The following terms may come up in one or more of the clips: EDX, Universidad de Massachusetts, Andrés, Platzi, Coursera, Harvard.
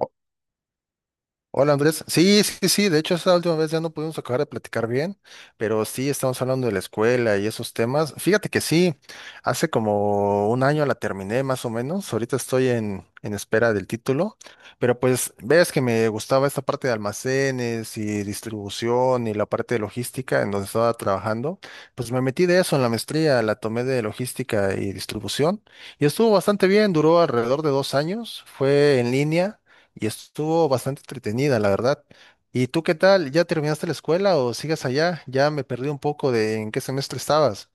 O- Hola Andrés, sí, sí, sí, de hecho esa última vez ya no pudimos acabar de platicar bien, pero sí estamos hablando de la escuela y esos temas. Fíjate que sí, hace como un año la terminé más o menos, ahorita estoy en espera del título, pero pues ves que me gustaba esta parte de almacenes y distribución y la parte de logística en donde estaba trabajando, pues me metí de eso en la maestría, la tomé de logística y distribución y estuvo bastante bien, duró alrededor de 2 años, fue en línea y estuvo bastante entretenida, la verdad. ¿Y tú qué tal? ¿Ya terminaste la escuela o sigues allá? Ya me perdí un poco de en qué semestre estabas.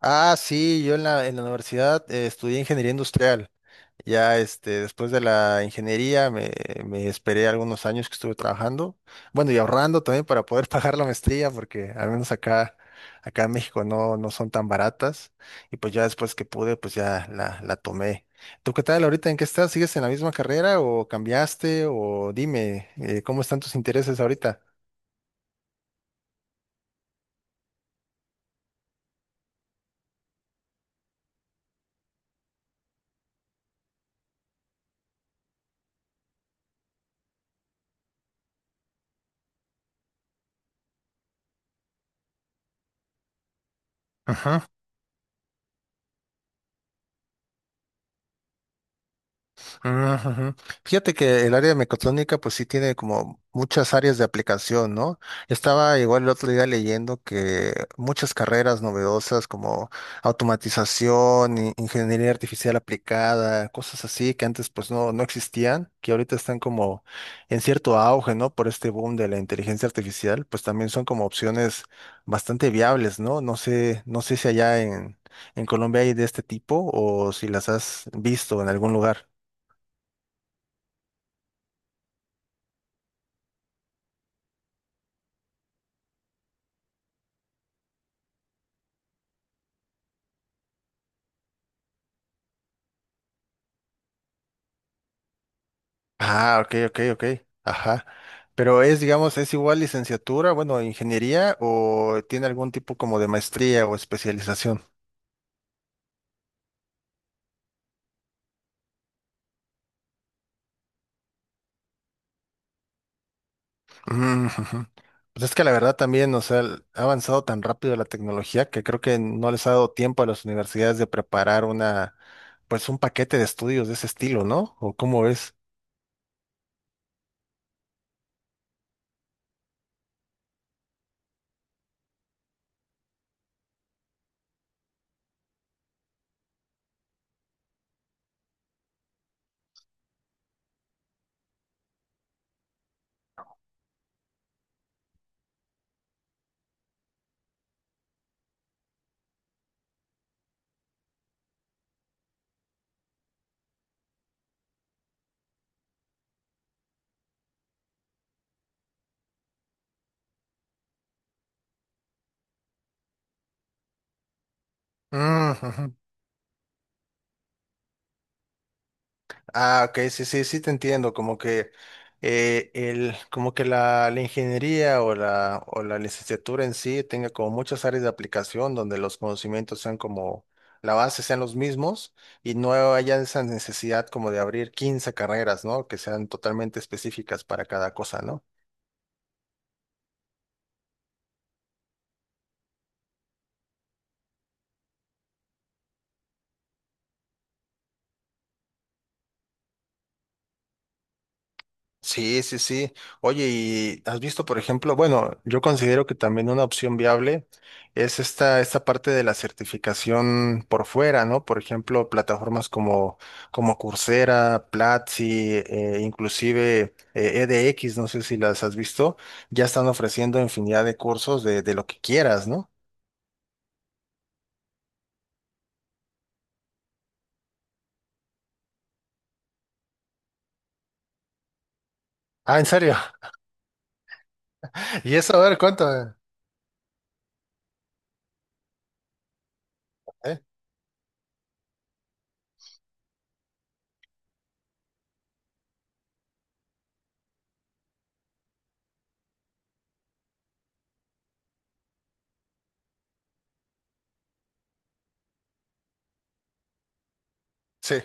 Ah, sí, yo en la universidad estudié ingeniería industrial. Ya este, después de la ingeniería me esperé algunos años que estuve trabajando, bueno, y ahorrando también para poder pagar la maestría, porque al menos acá, en México no, no son tan baratas. Y pues ya después que pude, pues ya la tomé. ¿Tú qué tal ahorita? ¿En qué estás? ¿Sigues en la misma carrera o cambiaste? O dime, ¿cómo están tus intereses ahorita? Ujú. Fíjate que el área de mecatrónica pues sí tiene como muchas áreas de aplicación, ¿no? Estaba igual el otro día leyendo que muchas carreras novedosas como automatización, ingeniería artificial aplicada, cosas así que antes pues no, no existían, que ahorita están como en cierto auge, ¿no? Por este boom de la inteligencia artificial, pues también son como opciones bastante viables, ¿no? No sé, no sé si allá en, Colombia hay de este tipo o si las has visto en algún lugar. Ah, ok, ok, ok. Ajá. Pero es, digamos, es igual licenciatura, bueno, ingeniería o tiene algún tipo como de maestría o especialización. Mm, ujú. Pues es que la verdad también, o sea, ha avanzado tan rápido la tecnología que creo que no les ha dado tiempo a las universidades de preparar pues un paquete de estudios de ese estilo, ¿no? ¿O cómo es? Ah, ok, sí, sí, sí te entiendo, como que como que la ingeniería o o la licenciatura en sí tenga como muchas áreas de aplicación donde los conocimientos sean como, la base sean los mismos y no haya esa necesidad como de abrir 15 carreras, ¿no? Que sean totalmente específicas para cada cosa, ¿no? Sí, sí, sí. Oye, ¿y has visto, por ejemplo, bueno, yo considero que también una opción viable es esta parte de la certificación por fuera, ¿no? Por ejemplo, plataformas como Coursera, Platzi, inclusive EDX, no sé si las has visto, ya están ofreciendo infinidad de cursos de lo que quieras, ¿no? Ah, ¿en serio? ¿Y eso? A ver, cuánto. ¿Eh? Sí.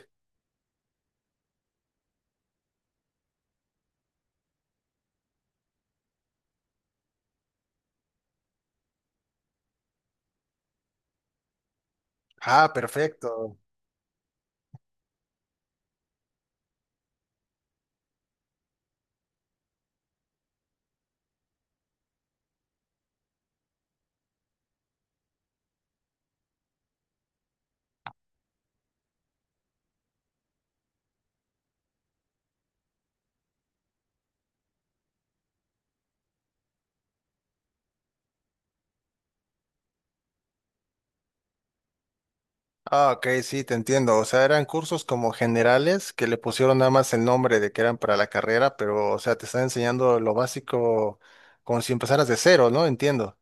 Ah, perfecto. Ah, ok, sí, te entiendo. O sea, eran cursos como generales que le pusieron nada más el nombre de que eran para la carrera, pero, o sea, te están enseñando lo básico como si empezaras de cero, ¿no? Entiendo.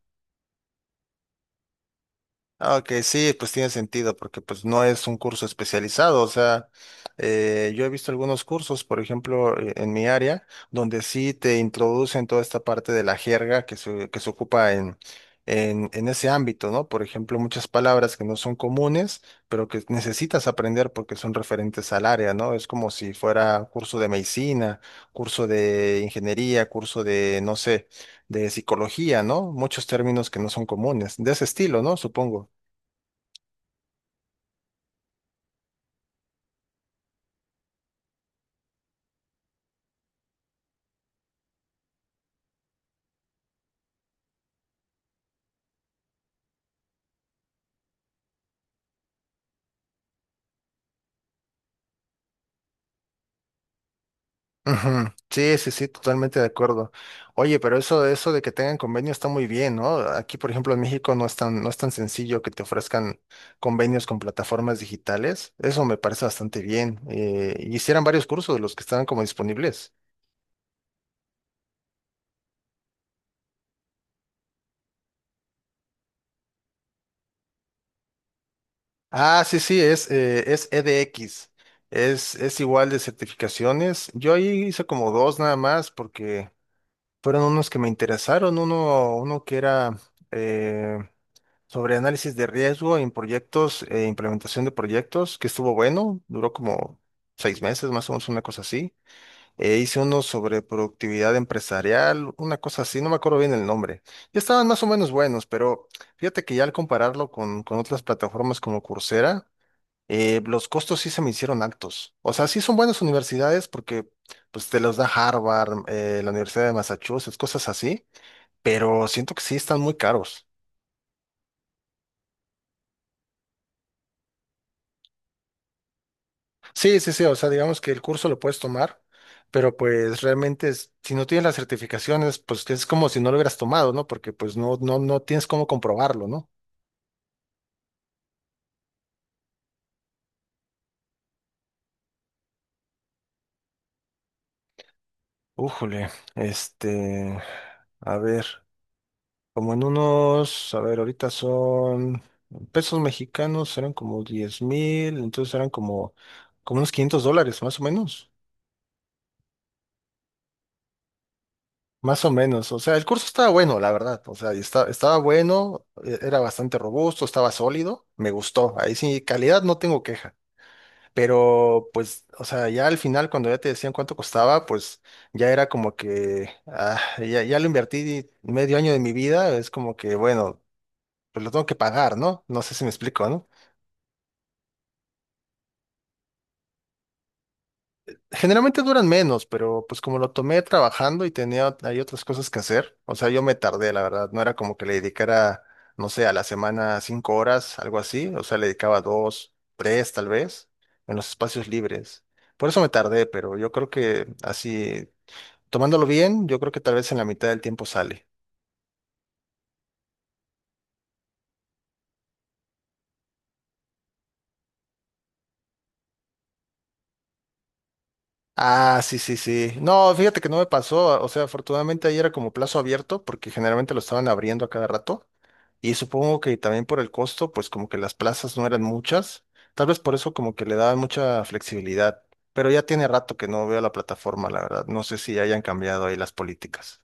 Ah, ok, sí, pues tiene sentido, porque pues no es un curso especializado, o sea, yo he visto algunos cursos, por ejemplo, en mi área, donde sí te introducen toda esta parte de la jerga que se ocupa en, en ese ámbito, ¿no? Por ejemplo, muchas palabras que no son comunes, pero que necesitas aprender porque son referentes al área, ¿no? Es como si fuera curso de medicina, curso de ingeniería, curso de, no sé, de psicología, ¿no? Muchos términos que no son comunes, de ese estilo, ¿no? Supongo. Ujú. Sí, sí, sí, totalmente de acuerdo. Oye, pero eso, de que tengan convenio está muy bien, ¿no? Aquí, por ejemplo, en México no es tan, sencillo que te ofrezcan convenios con plataformas digitales. Eso me parece bastante bien. Y hicieran varios cursos de los que estaban como disponibles. Ah, sí, sí, es, es EDX. Es igual de certificaciones. Yo ahí hice como dos nada más porque fueron unos que me interesaron. Uno que era eh, sobre análisis de riesgo en proyectos, implementación de proyectos, que estuvo bueno, duró como 6 meses, más o menos una cosa así. E hice uno sobre productividad empresarial, una cosa así, no me acuerdo bien el nombre. Y estaban más o menos buenos, pero fíjate que ya al compararlo con otras plataformas como Coursera, los costos sí se me hicieron altos. O sea, sí son buenas universidades porque pues te los da Harvard, la Universidad de Massachusetts, cosas así, pero siento que sí están muy caros. Sí, sí, sí, o sea, digamos que el curso lo puedes tomar, pero pues realmente si no tienes las certificaciones, pues es como si no lo hubieras tomado, ¿no? Porque pues no, no, no tienes cómo comprobarlo, ¿no? Újole, este, a ver, como en unos, a ver, ahorita son pesos mexicanos, eran como 10,000, entonces eran como, unos 500 dólares, más o menos. Más o menos, o sea, el curso estaba bueno, la verdad, o sea, y estaba bueno, era bastante robusto, estaba sólido, me gustó, ahí sí, calidad no tengo queja, pero pues, o sea, ya al final cuando ya te decían cuánto costaba, pues ya era como que, ah, ya, ya lo invertí medio año de mi vida, es como que, bueno, pues lo tengo que pagar, ¿no? No sé si me explico, ¿no? Generalmente duran menos, pero pues como lo tomé trabajando y tenía hay otras cosas que hacer, o sea, yo me tardé, la verdad, no era como que le dedicara, no sé, a la semana 5 horas, algo así, o sea, le dedicaba dos, tres tal vez, en los espacios libres. Por eso me tardé, pero yo creo que así, tomándolo bien, yo creo que tal vez en la mitad del tiempo sale. Ah, sí, sí, sí. No, fíjate que no me pasó, o sea, afortunadamente ahí era como plazo abierto, porque generalmente lo estaban abriendo a cada rato. Y supongo que también por el costo, pues como que las plazas no eran muchas. Tal vez por eso como que le daban mucha flexibilidad. Pero ya tiene rato que no veo la plataforma, la verdad. No sé si hayan cambiado ahí las políticas.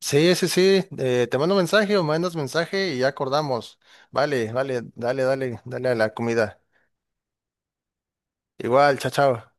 Sí, sí, sí. Te mando mensaje o mandas mensaje y ya acordamos. Vale, vale, dale, dale, dale a la comida. Igual, chao, chao.